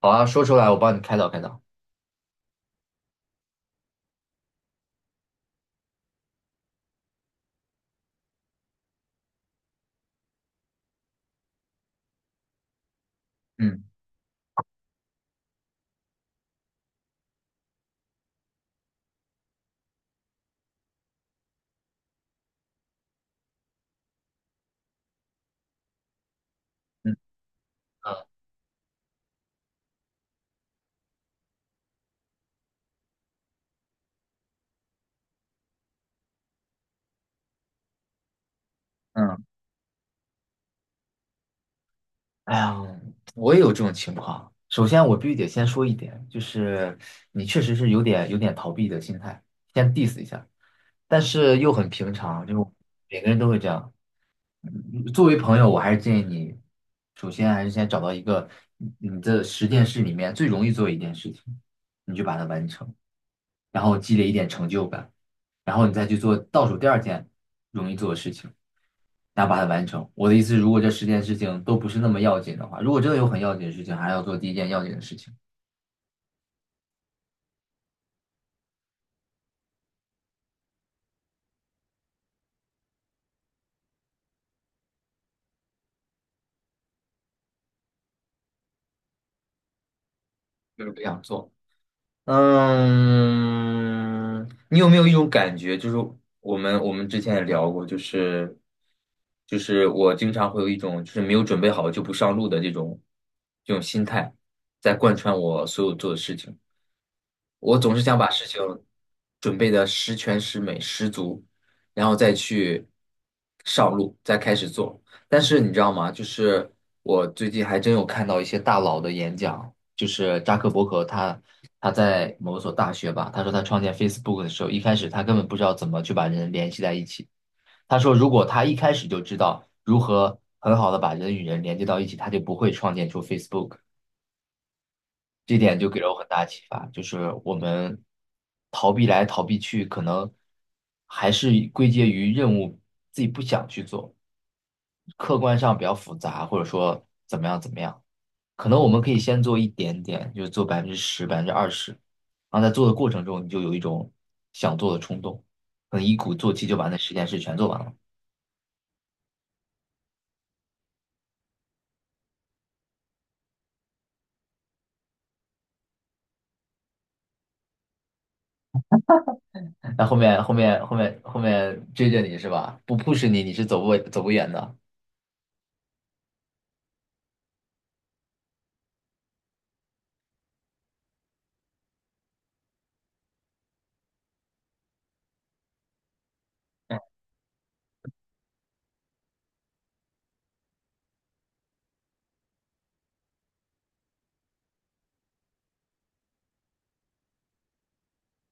好啊，说出来，我帮你开导开导。嗯嗯嗯，嗯哎呀，我也有这种情况。首先，我必须得先说一点，就是你确实是有点逃避的心态，先 diss 一下，但是又很平常，就每个人都会这样。嗯作为朋友，我还是建议你，首先还是先找到一个你的十件事里面最容易做一件事情，你就把它完成。然后积累一点成就感，然后你再去做倒数第二件容易做的事情，然后把它完成。我的意思是如果这十件事情都不是那么要紧的话，如果真的有很要紧的事情，还要做第一件要紧的事情，就是不想做。嗯，你有没有一种感觉，就是我们之前也聊过，就是就是我经常会有一种就是没有准备好就不上路的这种心态，在贯穿我所有做的事情。我总是想把事情准备的十全十美、十足，然后再去上路，再开始做。但是你知道吗？就是我最近还真有看到一些大佬的演讲，就是扎克伯格他他在某所大学吧，他说他创建 Facebook 的时候，一开始他根本不知道怎么去把人联系在一起。他说如果他一开始就知道如何很好的把人与人连接到一起，他就不会创建出 Facebook。这点就给了我很大启发，就是我们逃避来逃避去，可能还是归结于任务自己不想去做，客观上比较复杂，或者说怎么样怎么样，可能我们可以先做一点点，就是做百分之十、百分之二十，然后在做的过程中，你就有一种想做的冲动，可能一鼓作气就把那十件事全做完了。那后面追着你是吧？不 push 你，你是走不远的。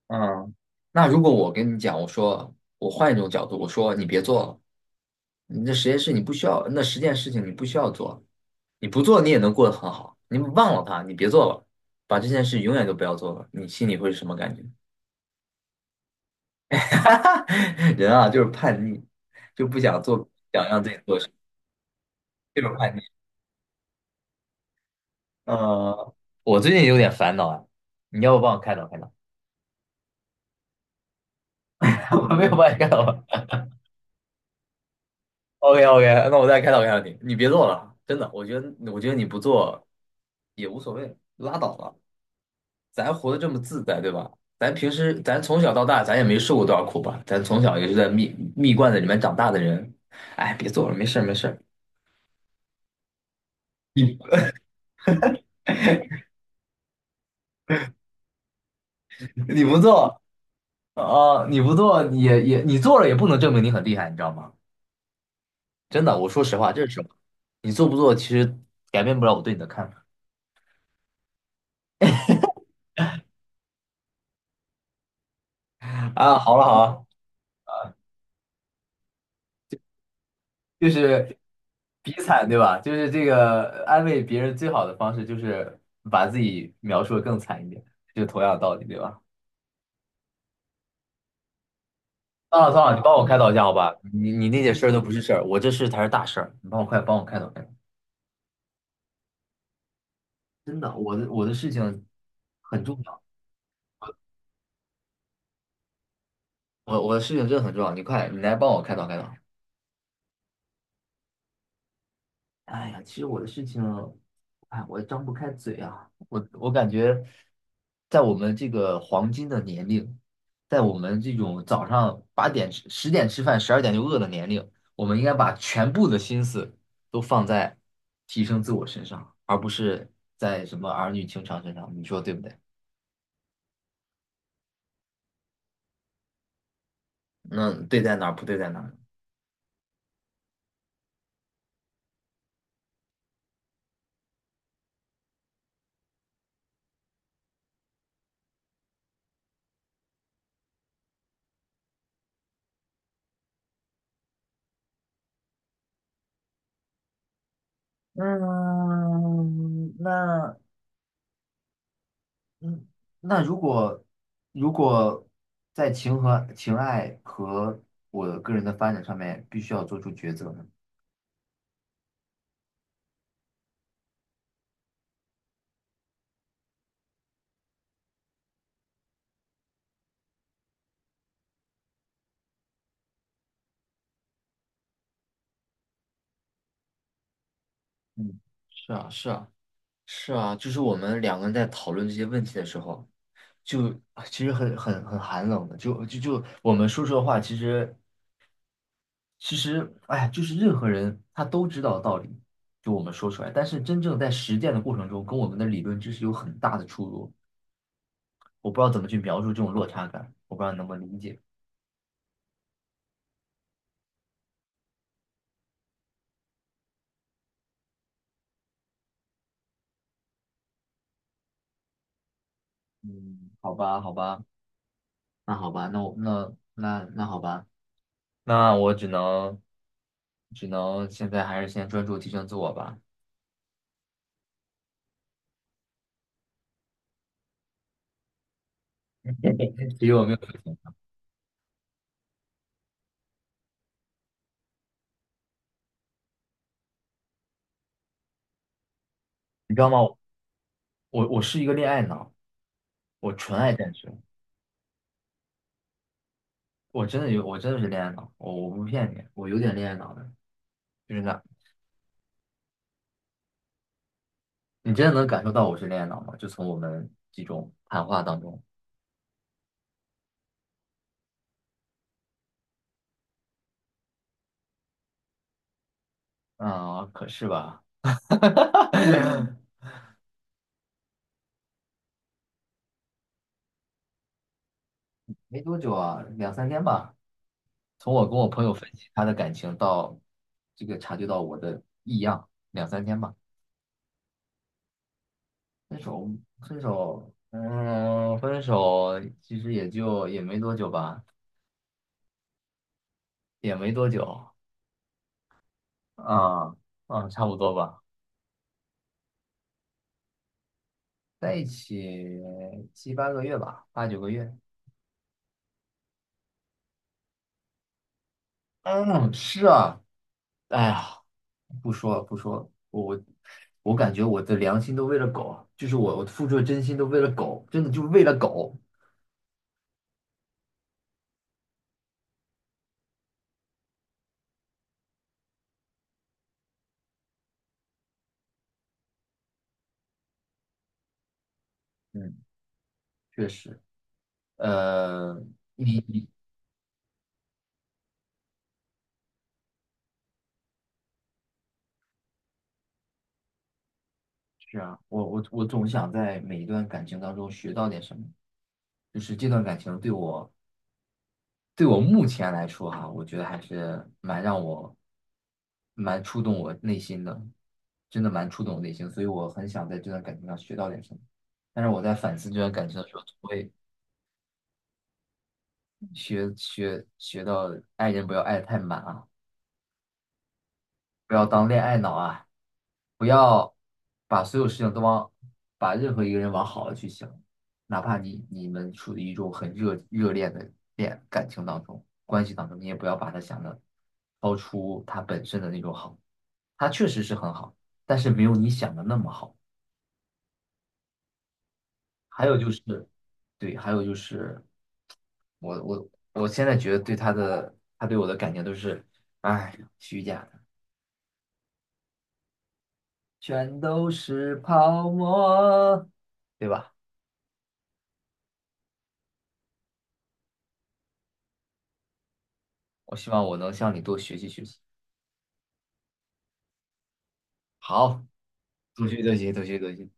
嗯，那如果我跟你讲，我说我换一种角度，我说你别做了，你这实验室你不需要，那十件事情你不需要做，你不做你也能过得很好，你忘了它，你别做了，把这件事永远都不要做了，你心里会是什么感觉？人啊，就是叛逆，就不想做，想让自己做事，就是叛逆。呃，我最近有点烦恼啊，你要不帮我开导开导？我没有帮你开导吧，OK OK，那我再开导开导你，你别做了，真的，我觉得你不做也无所谓，拉倒了，咱活得这么自在，对吧？咱平时咱从小到大，咱也没受过多少苦吧？咱从小也是在蜜罐子里面长大的人，哎，别做了，没事儿没事儿，你你不做啊、你不做也你做了也不能证明你很厉害，你知道吗？真的，我说实话，这是实话，你做不做其实改变不了我对你的看法啊。好了好了。就是比惨，对吧？就是这个安慰别人最好的方式，就是把自己描述的更惨一点，就同样的道理，对吧？算了算了，你帮我开导一下好吧？你你那件事儿都不是事儿，我这事才是大事儿，你帮我快帮我开导开导。真的，我的事情很重要，我的事情真的很重要，你快你来帮我开导开导。哎呀，其实我的事情，哎，我张不开嘴啊。我感觉，在我们这个黄金的年龄，在我们这种早上八点吃、十点吃饭、十二点就饿的年龄，我们应该把全部的心思都放在提升自我身上，而不是在什么儿女情长身上。你说对不对？那对在哪儿，不对在哪儿？嗯，那嗯，那如果在情和情爱和我个人的发展上面，必须要做出抉择呢？嗯，是啊，是啊，是啊，就是我们两个人在讨论这些问题的时候，就其实很寒冷的，就我们说出的话，其实哎，就是任何人他都知道道理，就我们说出来，但是真正在实践的过程中，跟我们的理论知识有很大的出入，我不知道怎么去描述这种落差感，我不知道你能不能理解。嗯，好吧，好吧，那好吧，那我那那那好吧，那我只能现在还是先专注提升自我吧。其实我没有事情，你知道吗？我是一个恋爱脑，我纯爱战士，我真的有，我真的是恋爱脑，我不骗你，我有点恋爱脑的，就是那，你真的能感受到我是恋爱脑吗？就从我们几种谈话当中，啊、可是吧，没多久啊，两三天吧。从我跟我朋友分析他的感情到这个察觉到我的异样，两三天吧。分手，分手，嗯，分手其实也就也没多久吧，也没多久，啊啊，差不多吧，在一起七八个月吧，八九个月。嗯，是啊，哎呀，不说了，不说了，我感觉我的良心都为了狗，就是我付出的真心都为了狗，真的就为了狗。嗯，确实。呃，是啊，我总想在每一段感情当中学到点什么，就是这段感情对我目前来说哈、我觉得还是蛮触动我内心的，真的蛮触动我内心，所以我很想在这段感情上学到点什么。但是我在反思这段感情的时候，总会学到爱人不要爱得太满啊，不要当恋爱脑啊，不要把所有事情都往，把任何一个人往好了去想，哪怕你们处于一种很热恋的感情当中、关系当中，你也不要把他想的超出他本身的那种好，他确实是很好，但是没有你想的那么好。还有就是，对，还有就是，我我我现在觉得对他的，他对我的感情都是，哎呀虚假。全都是泡沫，对吧？我希望我能向你多学习学习。好，多学。